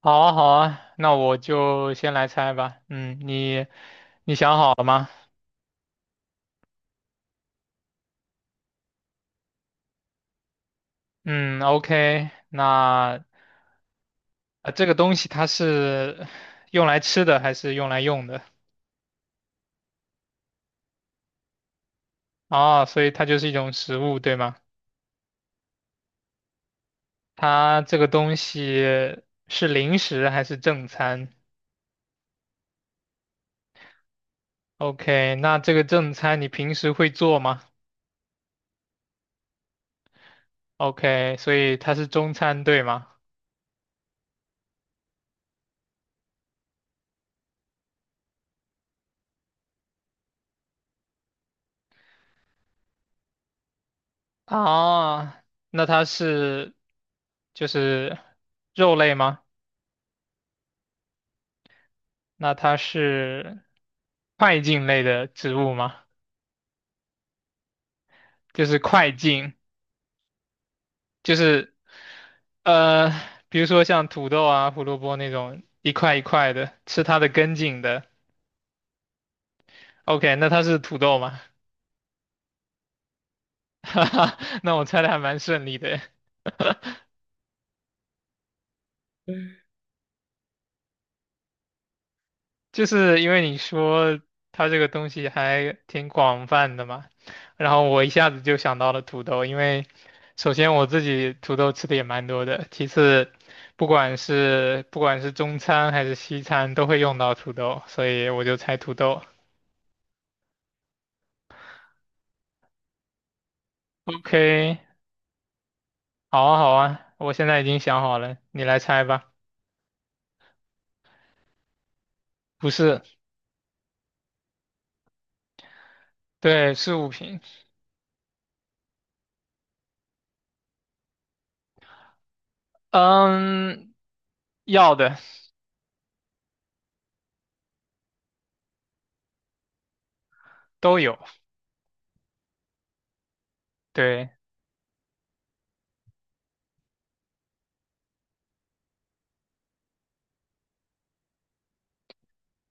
好啊，好啊，那我就先来猜吧。嗯，你想好了吗？嗯，OK，那这个东西它是用来吃的还是用来用的？哦，所以它就是一种食物，对吗？它这个东西是零食还是正餐？OK，那这个正餐你平时会做吗？OK，所以它是中餐，对吗？啊，那它是就是肉类吗？那它是块茎类的植物吗？就是块茎，就是呃，比如说像土豆啊、胡萝卜那种一块一块的，吃它的根茎的。OK，那它是土豆吗？哈哈，那我猜的还蛮顺利的。就是因为你说它这个东西还挺广泛的嘛，然后我一下子就想到了土豆，因为首先我自己土豆吃的也蛮多的，其次不管是中餐还是西餐都会用到土豆，所以我就猜土豆。OK，好啊好啊，我现在已经想好了，你来猜吧。不是，对，是物品，嗯，要的都有，对，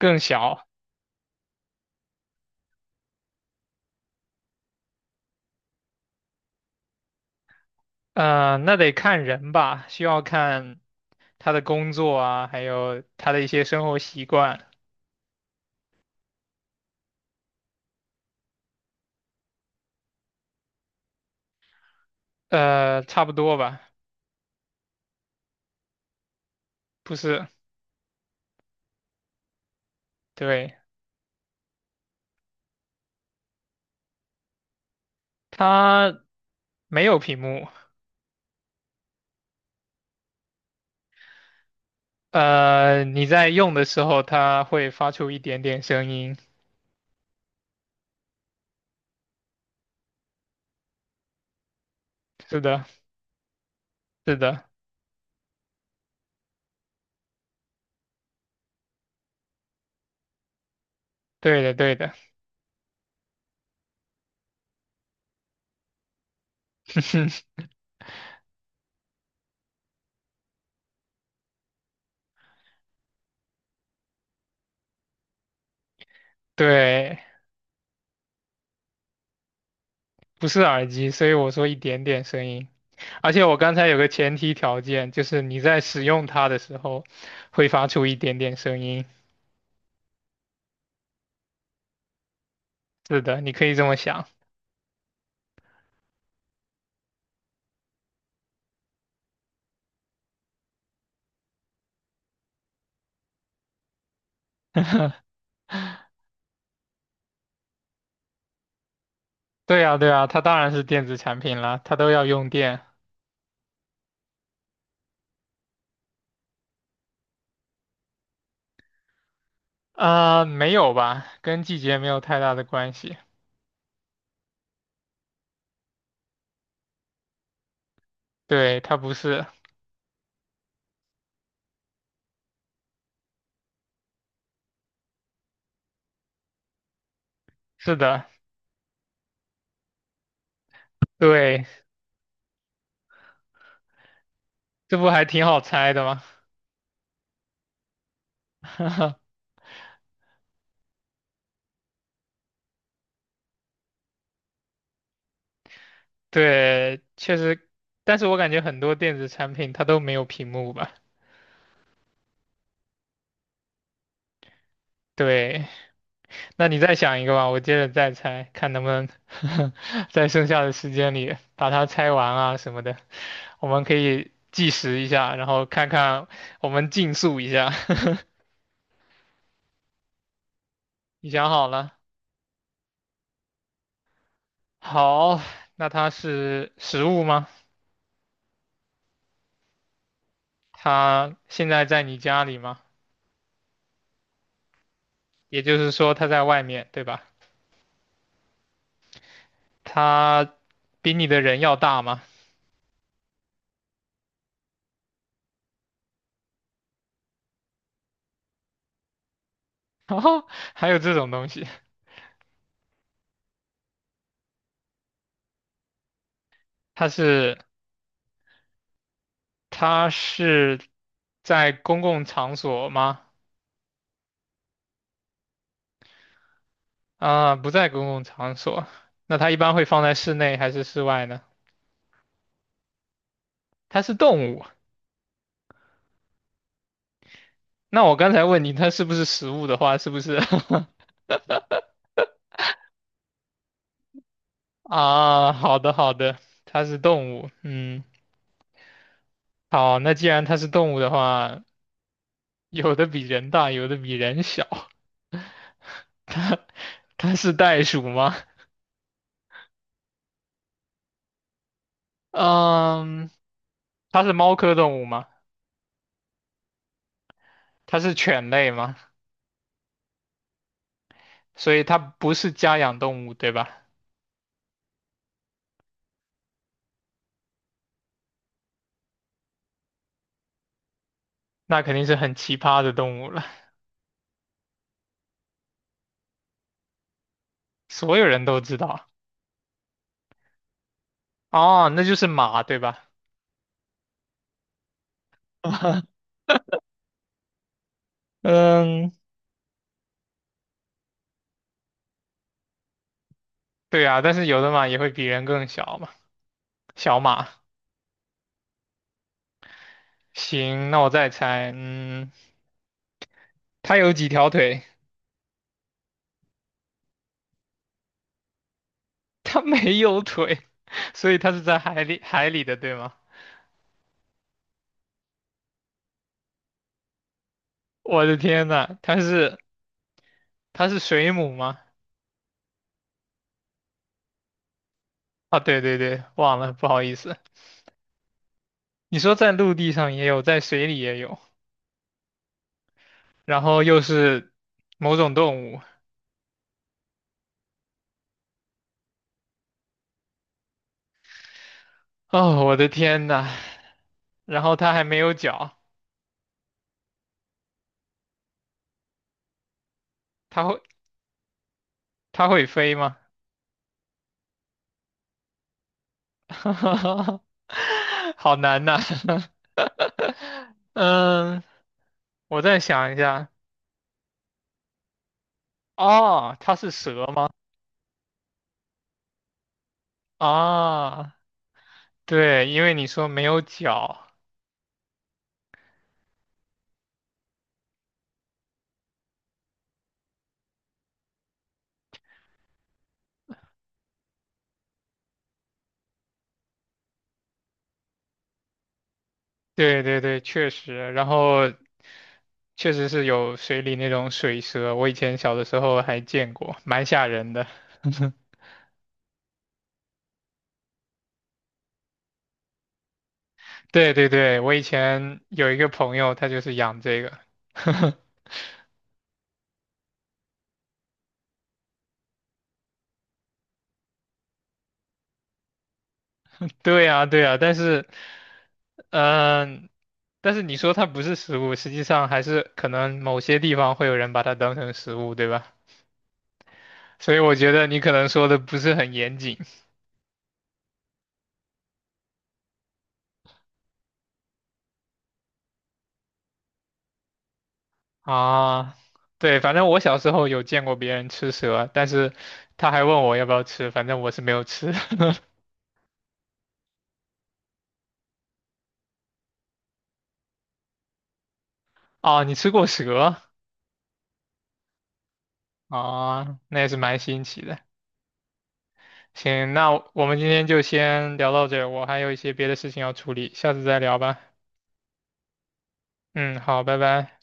更小。那得看人吧，需要看他的工作啊，还有他的一些生活习惯，差不多吧，不是，对，它没有屏幕，你在用的时候，它会发出一点点声音，是的，是的，对的，对的，对，不是耳机，所以我说一点点声音，而且我刚才有个前提条件，就是你在使用它的时候，会发出一点点声音，是的，你可以这么想。对呀，对呀，它当然是电子产品了，它都要用电。没有吧，跟季节没有太大的关系。对，它不是，是的，对，这不还挺好猜的吗？对，确实，但是我感觉很多电子产品它都没有屏幕吧？对，那你再想一个吧，我接着再猜，看能不能 在剩下的时间里把它猜完啊什么的。我们可以计时一下，然后看看我们竞速一下。你想好了？好，那它是食物吗？它现在在你家里吗？也就是说，它在外面，对吧？它比你的人要大吗？哦，还有这种东西？它是它是在公共场所吗？啊，不在公共场所。那它一般会放在室内还是室外呢？它是动物。那我刚才问你，它是不是食物的话，是不是？啊，好的好的，它是动物。嗯。好，那既然它是动物的话，有的比人大，有的比人小。它它是袋鼠吗？嗯，它是猫科动物吗？它是犬类吗？所以它不是家养动物，对吧？那肯定是很奇葩的动物了，所有人都知道。哦，那就是马，对吧？嗯，对啊，但是有的马也会比人更小嘛，小马。行，那我再猜，嗯，它有几条腿？它没有腿，所以它是在海里的，对吗？我的天呐，它是水母吗？啊，对对对，忘了，不好意思。你说在陆地上也有，在水里也有，然后又是某种动物。哦，我的天呐，然后它还没有脚，它会它会飞吗？好难呐。嗯，我再想一下。哦，它是蛇吗？啊，对，因为你说没有脚，对对对，确实，然后确实是有水里那种水蛇，我以前小的时候还见过，蛮吓人的。对对对，我以前有一个朋友，他就是养这个。对呀对呀，但是，嗯、但是你说它不是食物，实际上还是可能某些地方会有人把它当成食物，对吧？所以我觉得你可能说的不是很严谨。啊，对，反正我小时候有见过别人吃蛇，但是他还问我要不要吃，反正我是没有吃。啊，你吃过蛇？啊，那也是蛮新奇的。行，那我们今天就先聊到这儿我还有一些别的事情要处理，下次再聊吧。嗯，好，拜拜。